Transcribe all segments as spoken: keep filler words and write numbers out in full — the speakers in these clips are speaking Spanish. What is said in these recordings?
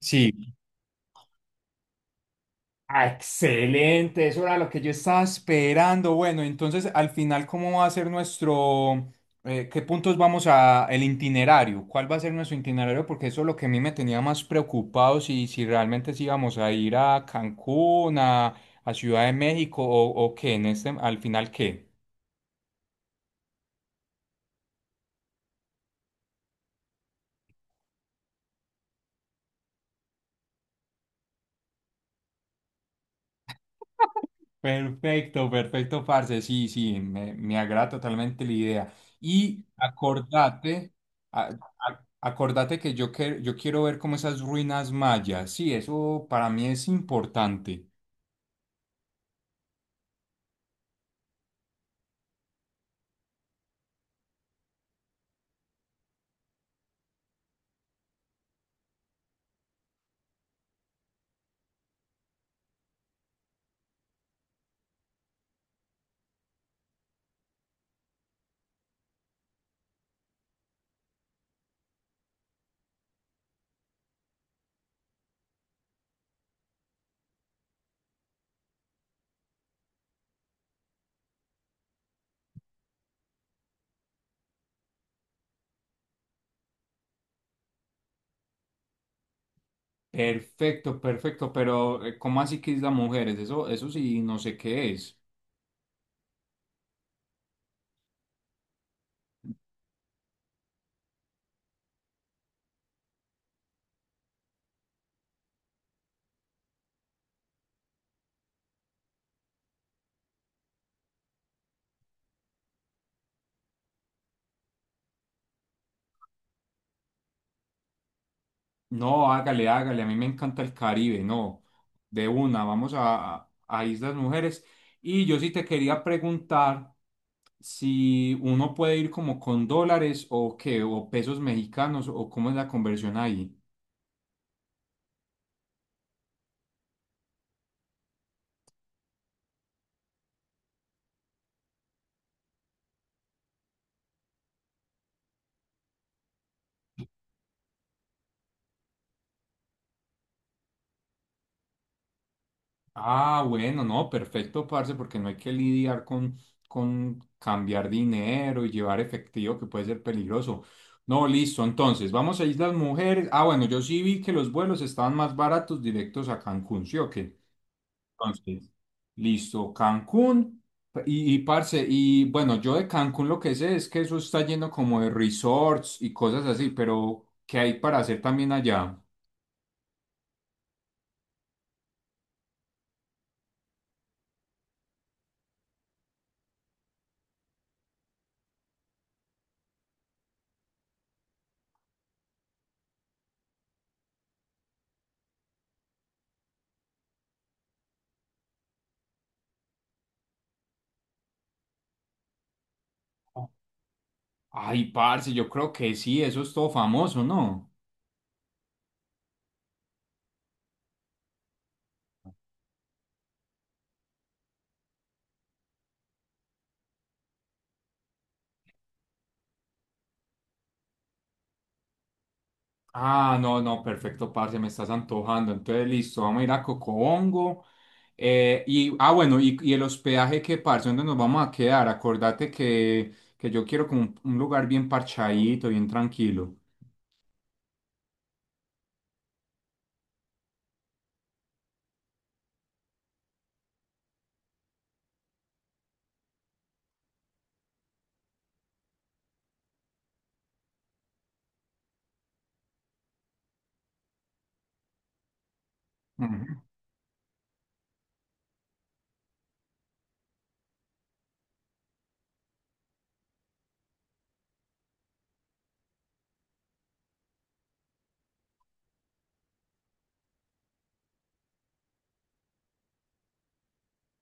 Sí. Ah, excelente, eso era lo que yo estaba esperando. Bueno, entonces al final, ¿cómo va a ser nuestro, eh, qué puntos vamos a, el itinerario? ¿Cuál va a ser nuestro itinerario? Porque eso es lo que a mí me tenía más preocupado, si, si realmente sí íbamos a ir a Cancún, a, a Ciudad de México o, o qué, en este, al final qué. Perfecto, perfecto, parce. Sí, sí, me, me agrada totalmente la idea. Y acordate, a- a- acordate que yo, que yo quiero ver como esas ruinas mayas. Sí, eso para mí es importante. Perfecto, perfecto, pero eh, ¿cómo así que Isla Mujeres? Eso, eso sí, no sé qué es. No, hágale, hágale, a mí me encanta el Caribe, no. De una, vamos a, a Islas Mujeres. Y yo sí te quería preguntar. Si uno puede ir como con dólares o qué, o pesos mexicanos, o cómo es la conversión ahí. Ah, bueno, no, perfecto, parce, porque no hay que lidiar con, con cambiar dinero y llevar efectivo, que puede ser peligroso. No, listo, entonces, vamos a Islas Mujeres. Ah, bueno, yo sí vi que los vuelos estaban más baratos directos a Cancún, ¿sí o qué? Entonces, listo, Cancún. Y, y, parce, y bueno, yo de Cancún lo que sé es que eso está lleno como de resorts y cosas así, pero ¿qué hay para hacer también allá? Ay, parce, yo creo que sí, eso es todo famoso, ¿no? Ah, no, no, perfecto, parce, me estás antojando. Entonces, listo, vamos a ir a Cocobongo. Eh, y, ah, bueno, y, y el hospedaje, ¿qué, parce? ¿Dónde nos vamos a quedar? Acordate que, que yo quiero como un, un lugar bien parchadito, bien tranquilo.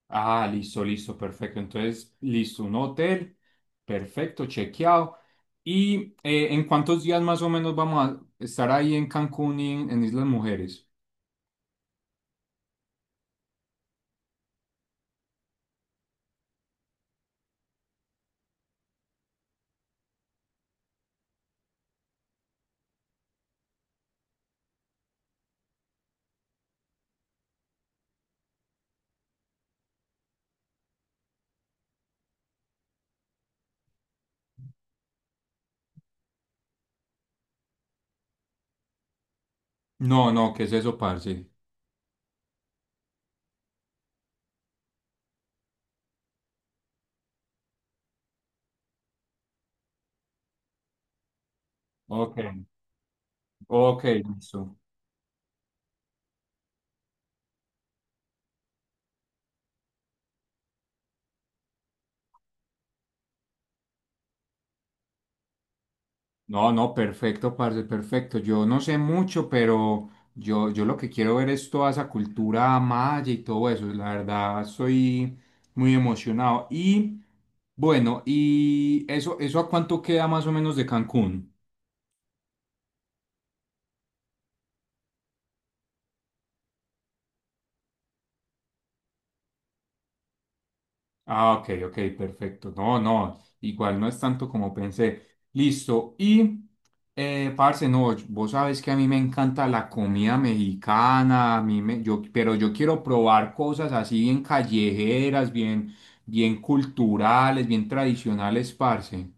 Ah, listo, listo, perfecto. Entonces, listo, un hotel, perfecto, chequeado. ¿Y eh, en cuántos días más o menos vamos a estar ahí en Cancún y en, en Islas Mujeres? No, no, ¿qué es eso, parce? Ok, ok, listo. No, no, perfecto, parce, perfecto. Yo no sé mucho, pero yo, yo lo que quiero ver es toda esa cultura maya y todo eso. La verdad, estoy muy emocionado. Y bueno, ¿y eso, eso a cuánto queda más o menos de Cancún? Ah, ok, ok, perfecto. No, no, igual no es tanto como pensé. Listo. Y, eh, parce, no, vos sabes que a mí me encanta la comida mexicana, a mí me, yo, pero yo quiero probar cosas así bien callejeras, bien, bien culturales, bien tradicionales, parce.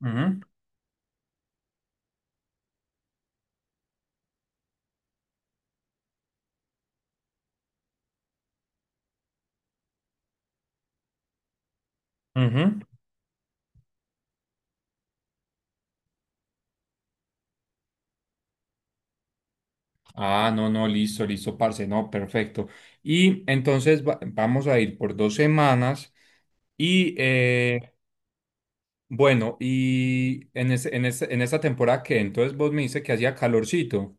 Ujú, ujú. Ah, no, no, listo, listo, parce, no, perfecto. Y entonces va- vamos a ir por dos semanas y eh, bueno, y en ese, en ese- en esa temporada que entonces vos me dices que hacía calorcito.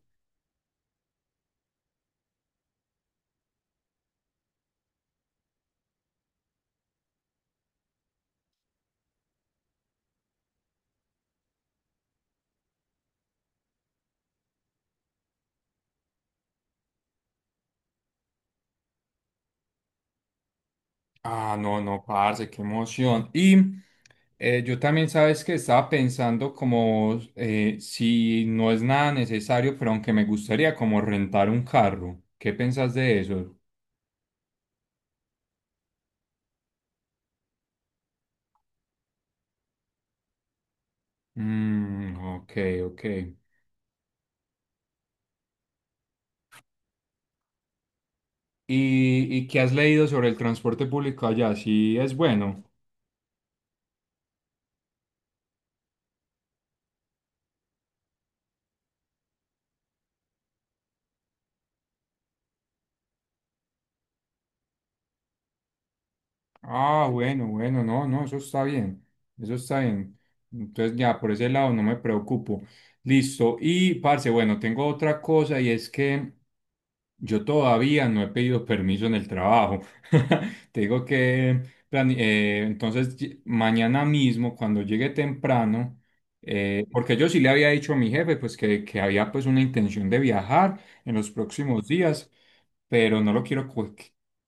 Ah, no, no, parce, qué emoción. Y eh, yo también sabes que estaba pensando como eh, si no es nada necesario, pero aunque me gustaría como rentar un carro. ¿Qué pensás de eso? Mm, ok, ok. ¿Y, y qué has leído sobre el transporte público allá? ¿Sí es bueno? Ah, bueno, bueno, no, no, eso está bien, eso está bien. Entonces ya, por ese lado no me preocupo. Listo. Y, parce, bueno, tengo otra cosa y es que yo todavía no he pedido permiso en el trabajo. Te digo que plan- eh, entonces ll- mañana mismo, cuando llegue temprano, eh, porque yo sí le había dicho a mi jefe pues que, que había pues una intención de viajar en los próximos días, pero no lo quiero co-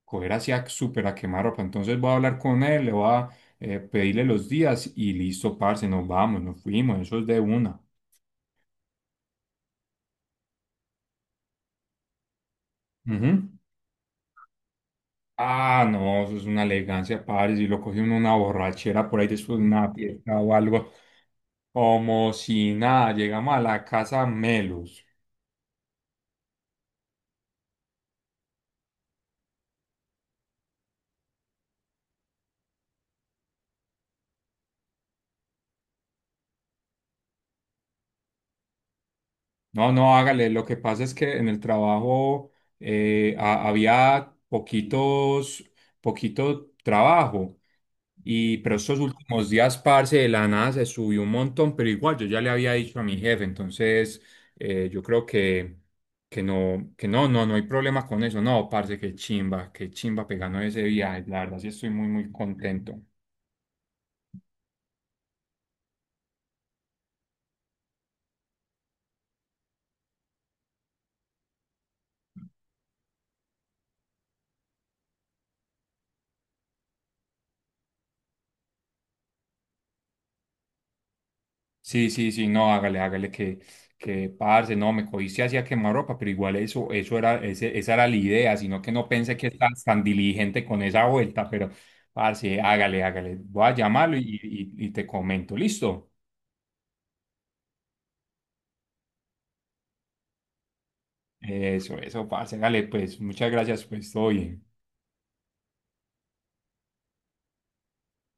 coger hacia súper a quemarropa. Entonces voy a hablar con él, le voy a eh, pedirle los días y listo, parce, nos vamos, nos fuimos, eso es de una. Ujú. Ah, no, eso es una elegancia, padre. Si lo coge uno una borrachera por ahí después de una fiesta o algo, como si nada, llegamos a la casa melos. No, no, hágale. Lo que pasa es que en el trabajo eh, ha- había poquitos, poquito trabajo. Y pero estos últimos días, parce, de la nada se subió un montón, pero igual yo ya le había dicho a mi jefe, entonces eh, yo creo que, que no, que no, no, no hay problema con eso. No, parce, qué chimba, qué chimba pegando ese viaje. La verdad, sí estoy muy, muy contento. Sí, sí, sí, no, hágale, hágale que, que parce, no, me cogiste hacia ropa, pero igual eso, eso era, ese, esa era la idea, sino que no pensé que estás tan diligente con esa vuelta, pero parce, hágale, hágale. Voy a llamarlo y, y y te comento, ¿listo? Eso, eso, parce, hágale, pues, muchas gracias, pues, todo bien.